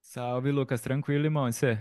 Salve, Lucas. Tranquilo, irmão. E você?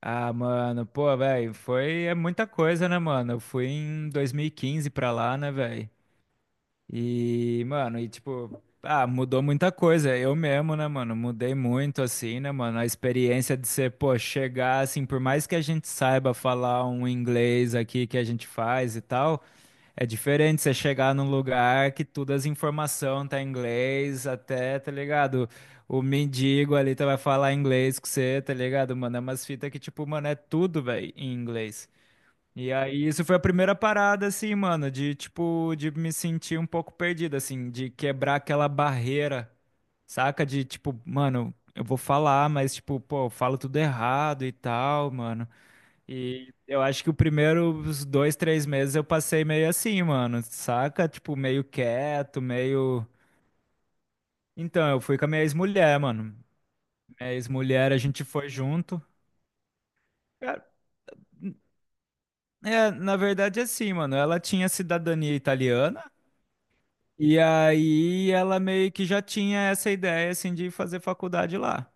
Ah, mano, pô, velho, foi é muita coisa, né, mano? Eu fui em 2015 pra lá, né, velho? E, mano, e tipo, ah, mudou muita coisa. Eu mesmo, né, mano? Mudei muito, assim, né, mano? A experiência de ser, pô, chegar, assim, por mais que a gente saiba falar um inglês aqui que a gente faz e tal. É diferente você chegar num lugar que todas as informações tá em inglês, até, tá ligado? O mendigo ali tá, vai falar inglês com você, tá ligado? Mano, é umas fitas que, tipo, mano, é tudo, velho, em inglês. E aí, isso foi a primeira parada, assim, mano, de, tipo, de me sentir um pouco perdido, assim, de quebrar aquela barreira, saca? De, tipo, mano, eu vou falar, mas, tipo, pô, eu falo tudo errado e tal, mano. E eu acho que o primeiro, 2, 3 meses eu passei meio assim, mano, saca? Tipo, meio quieto, meio. Então, eu fui com a minha ex-mulher, mano. Minha ex-mulher, a gente foi junto. Cara, é, na verdade, é assim, mano, ela tinha cidadania italiana e aí ela meio que já tinha essa ideia, assim, de fazer faculdade lá,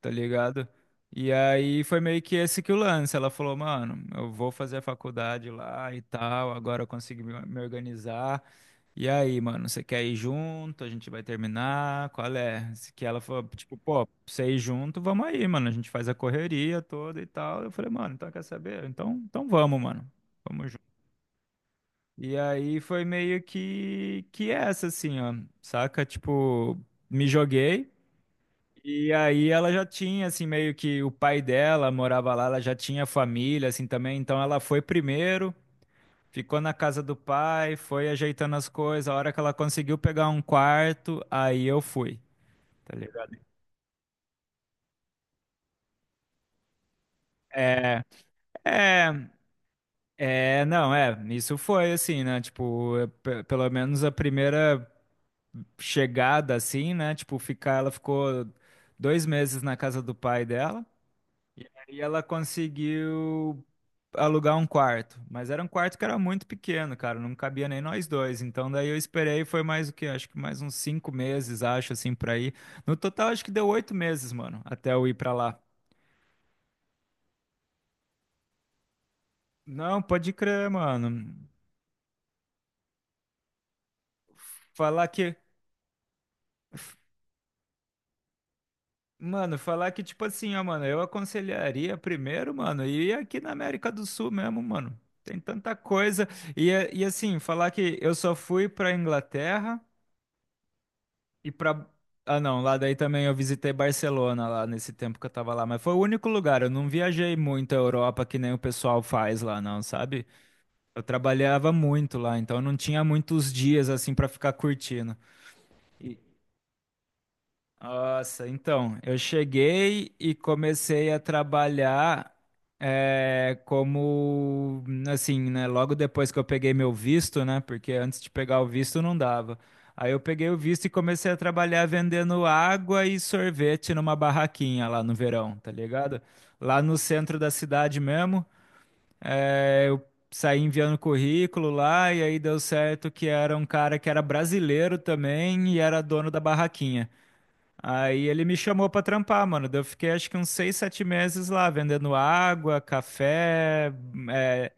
tá ligado? E aí foi meio que esse que o lance. Ela falou, mano, eu vou fazer a faculdade lá e tal, agora eu consegui me organizar. E aí, mano, você quer ir junto? A gente vai terminar? Qual é? Se que ela falou, tipo, pô, pra você ir junto, vamos aí, mano. A gente faz a correria toda e tal. Eu falei, mano, então quer saber? Então, vamos, mano. Vamos junto. E aí foi meio que essa assim, ó, saca? Tipo, me joguei. E aí ela já tinha assim meio que o pai dela morava lá, ela já tinha família assim também, então ela foi primeiro. Ficou na casa do pai, foi ajeitando as coisas. A hora que ela conseguiu pegar um quarto, aí eu fui, tá ligado? É, é, é, não, é. Isso foi assim, né? Tipo, é, pelo menos a primeira chegada, assim, né? Tipo, ficar, ela ficou 2 meses na casa do pai dela. E ela conseguiu alugar um quarto, mas era um quarto que era muito pequeno, cara, não cabia nem nós dois. Então daí eu esperei, foi mais o quê? Acho que mais uns 5 meses, acho, assim, pra ir. No total, acho que deu 8 meses, mano, até eu ir pra lá. Não, pode crer, mano. Falar que, mano, falar que, tipo assim, ó, mano, eu aconselharia primeiro, mano, ir aqui na América do Sul mesmo, mano. Tem tanta coisa. E assim, falar que eu só fui pra Inglaterra. E pra. Ah, não, lá daí também eu visitei Barcelona lá nesse tempo que eu tava lá, mas foi o único lugar. Eu não viajei muito a Europa que nem o pessoal faz lá, não, sabe? Eu trabalhava muito lá, então eu não tinha muitos dias assim pra ficar curtindo. E, nossa, então, eu cheguei e comecei a trabalhar como, assim, né, logo depois que eu peguei meu visto, né, porque antes de pegar o visto não dava. Aí eu peguei o visto e comecei a trabalhar vendendo água e sorvete numa barraquinha lá no verão, tá ligado? Lá no centro da cidade mesmo, eu saí enviando currículo lá e aí deu certo que era um cara que era brasileiro também e era dono da barraquinha. Aí ele me chamou pra trampar, mano. Daí eu fiquei acho que uns 6, 7 meses lá, vendendo água, café. É,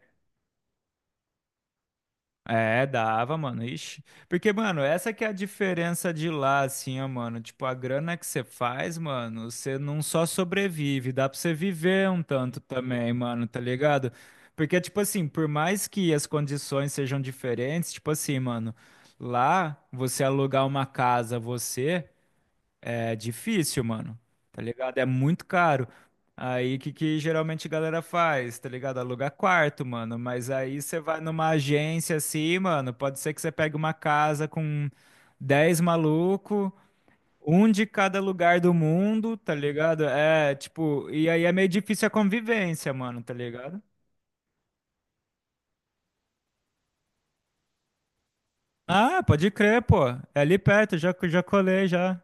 é, dava, mano. Ixi. Porque, mano, essa que é a diferença de lá, assim, ó, mano. Tipo, a grana que você faz, mano, você não só sobrevive, dá pra você viver um tanto também, mano, tá ligado? Porque, tipo assim, por mais que as condições sejam diferentes, tipo assim, mano, lá você alugar uma casa, você. É difícil, mano. Tá ligado? É muito caro. Aí, o que, que geralmente a galera faz? Tá ligado? Aluga quarto, mano. Mas aí você vai numa agência assim, mano. Pode ser que você pegue uma casa com 10 maluco, um de cada lugar do mundo, tá ligado? É, tipo, e aí é meio difícil a convivência, mano, tá ligado? Ah, pode crer, pô. É ali perto, já, já colei, já.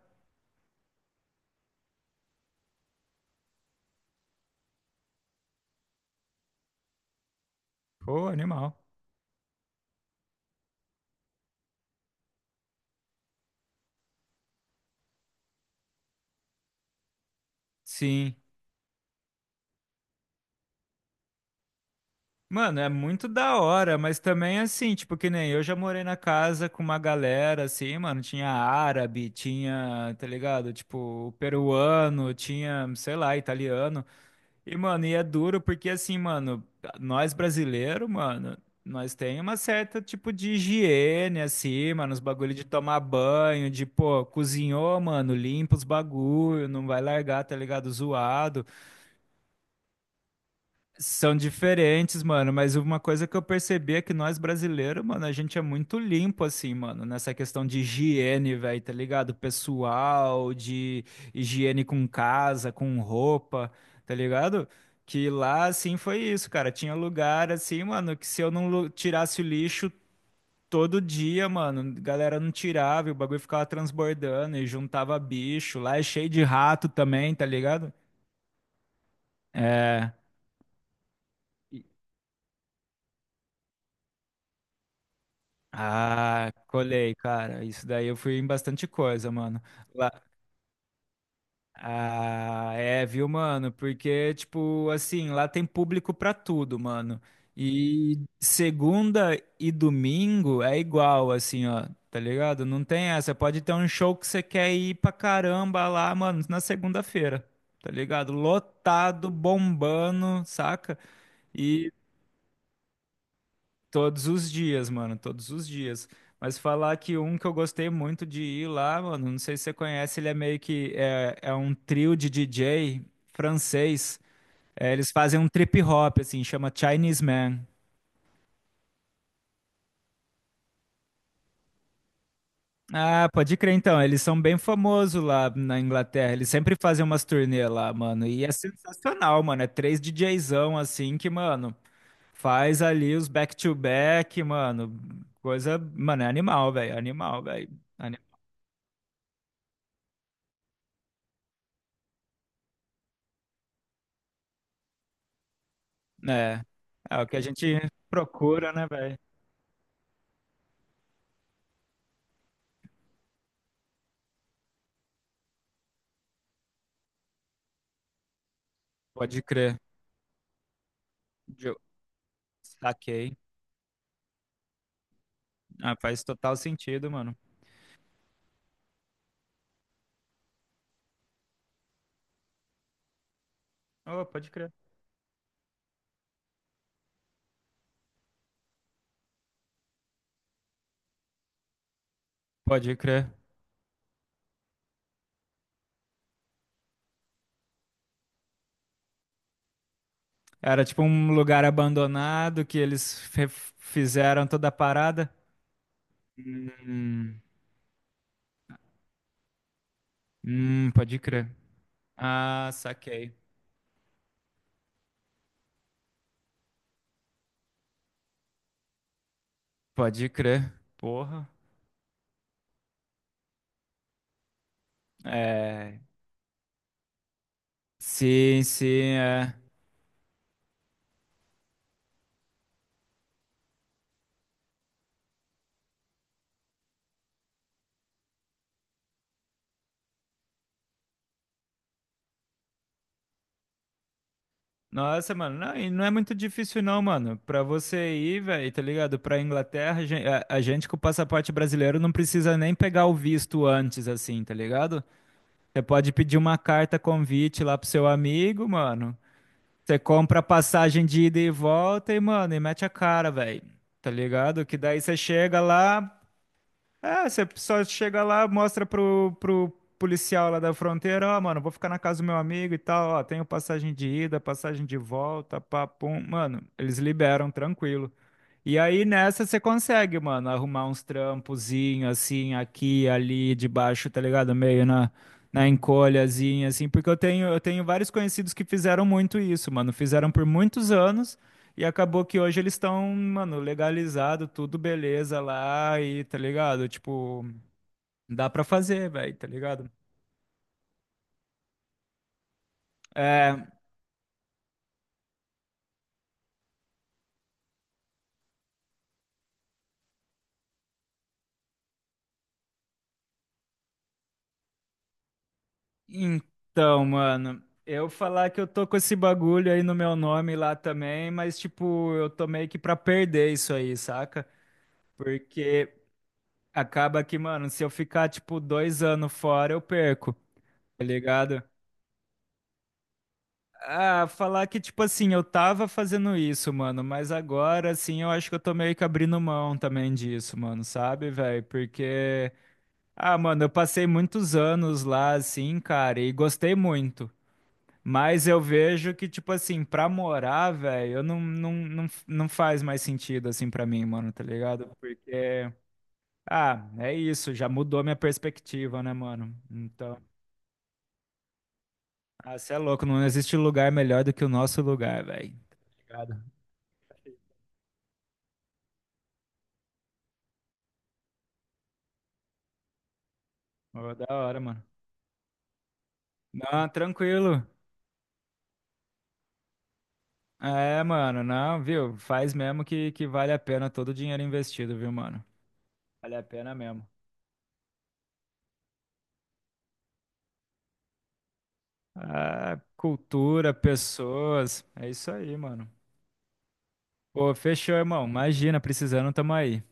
Pô, animal. Sim. Mano, é muito da hora, mas também assim, tipo, que nem eu já morei na casa com uma galera, assim, mano, tinha árabe, tinha, tá ligado? Tipo, peruano, tinha, sei lá, italiano. E, mano, e é duro porque, assim, mano, nós brasileiros, mano, nós tem uma certa, tipo, de higiene, assim, mano, os bagulho de tomar banho, de, pô, cozinhou, mano, limpa os bagulho, não vai largar, tá ligado? Zoado. São diferentes, mano, mas uma coisa que eu percebi é que nós brasileiros, mano, a gente é muito limpo, assim, mano, nessa questão de higiene, velho, tá ligado? Pessoal, de higiene com casa, com roupa, tá ligado? Que lá, assim, foi isso, cara. Tinha lugar, assim, mano, que se eu não tirasse o lixo todo dia, mano, a galera não tirava e o bagulho ficava transbordando e juntava bicho. Lá é cheio de rato também, tá ligado? É. Ah, colei, cara. Isso daí eu fui em bastante coisa, mano. Lá... Ah, é, viu, mano? Porque, tipo, assim, lá tem público pra tudo, mano. E segunda e domingo é igual, assim, ó. Tá ligado? Não tem essa. Pode ter um show que você quer ir pra caramba lá, mano, na segunda-feira. Tá ligado? Lotado, bombando, saca? Todos os dias, mano, todos os dias. Mas falar que um que eu gostei muito de ir lá, mano, não sei se você conhece, ele é meio que é um trio de DJ francês. É, eles fazem um trip hop, assim, chama Chinese Man. Ah, pode crer então, eles são bem famosos lá na Inglaterra. Eles sempre fazem umas turnê lá, mano. E é sensacional, mano. É três DJzão assim que, mano, faz ali os back-to-back, mano. Coisa, mano, é animal, velho. Animal, velho. É, é o que a gente procura, né, velho? Pode crer. Jo- Saquei. Ah, faz total sentido, mano. Oh, pode crer. Pode crer. Era tipo um lugar abandonado que eles fizeram toda a parada. Hum, pode crer. Ah, saquei. Pode crer. Porra. É. Sim, sim, é. Nossa, mano, não, e não é muito difícil não, mano. Pra você ir, velho, tá ligado? Pra Inglaterra, a a gente com o passaporte brasileiro não precisa nem pegar o visto antes, assim, tá ligado? Você pode pedir uma carta convite lá pro seu amigo, mano. Você compra a passagem de ida e volta e, mano, e mete a cara, velho. Tá ligado? Que daí você chega lá, é, você só chega lá, mostra pro policial lá da fronteira, ó, mano, vou ficar na casa do meu amigo e tal, ó, tenho passagem de ida, passagem de volta, pá, pum. Mano, eles liberam, tranquilo. E aí nessa você consegue, mano, arrumar uns trampozinhos assim, aqui, ali, debaixo, tá ligado? Meio na encolhazinha, assim, porque eu tenho vários conhecidos que fizeram muito isso, mano, fizeram por muitos anos. E acabou que hoje eles estão, mano, legalizado, tudo beleza lá e tá ligado? Tipo, dá pra fazer, velho, tá ligado? É, então, mano, eu falar que eu tô com esse bagulho aí no meu nome lá também, mas tipo, eu tô meio que pra perder isso aí, saca? Porque acaba que, mano, se eu ficar tipo 2 anos fora, eu perco, tá ligado? Ah, falar que, tipo assim, eu tava fazendo isso, mano, mas agora, assim, eu acho que eu tô meio que abrindo mão também disso, mano, sabe, velho? Porque, ah, mano, eu passei muitos anos lá, assim, cara, e gostei muito. Mas eu vejo que, tipo assim, pra morar, velho, eu não, não, não, não faz mais sentido, assim, pra mim, mano, tá ligado? Porque, ah, é isso, já mudou minha perspectiva, né, mano? Então, ah, cê é louco, não existe lugar melhor do que o nosso lugar, velho. Ô, da hora, mano. Não, tranquilo. É, mano, não, viu? Faz mesmo que vale a pena todo o dinheiro investido, viu, mano? Vale a pena mesmo. Ah, cultura, pessoas, é isso aí, mano. Pô, fechou, irmão. Imagina, precisando, tamo aí.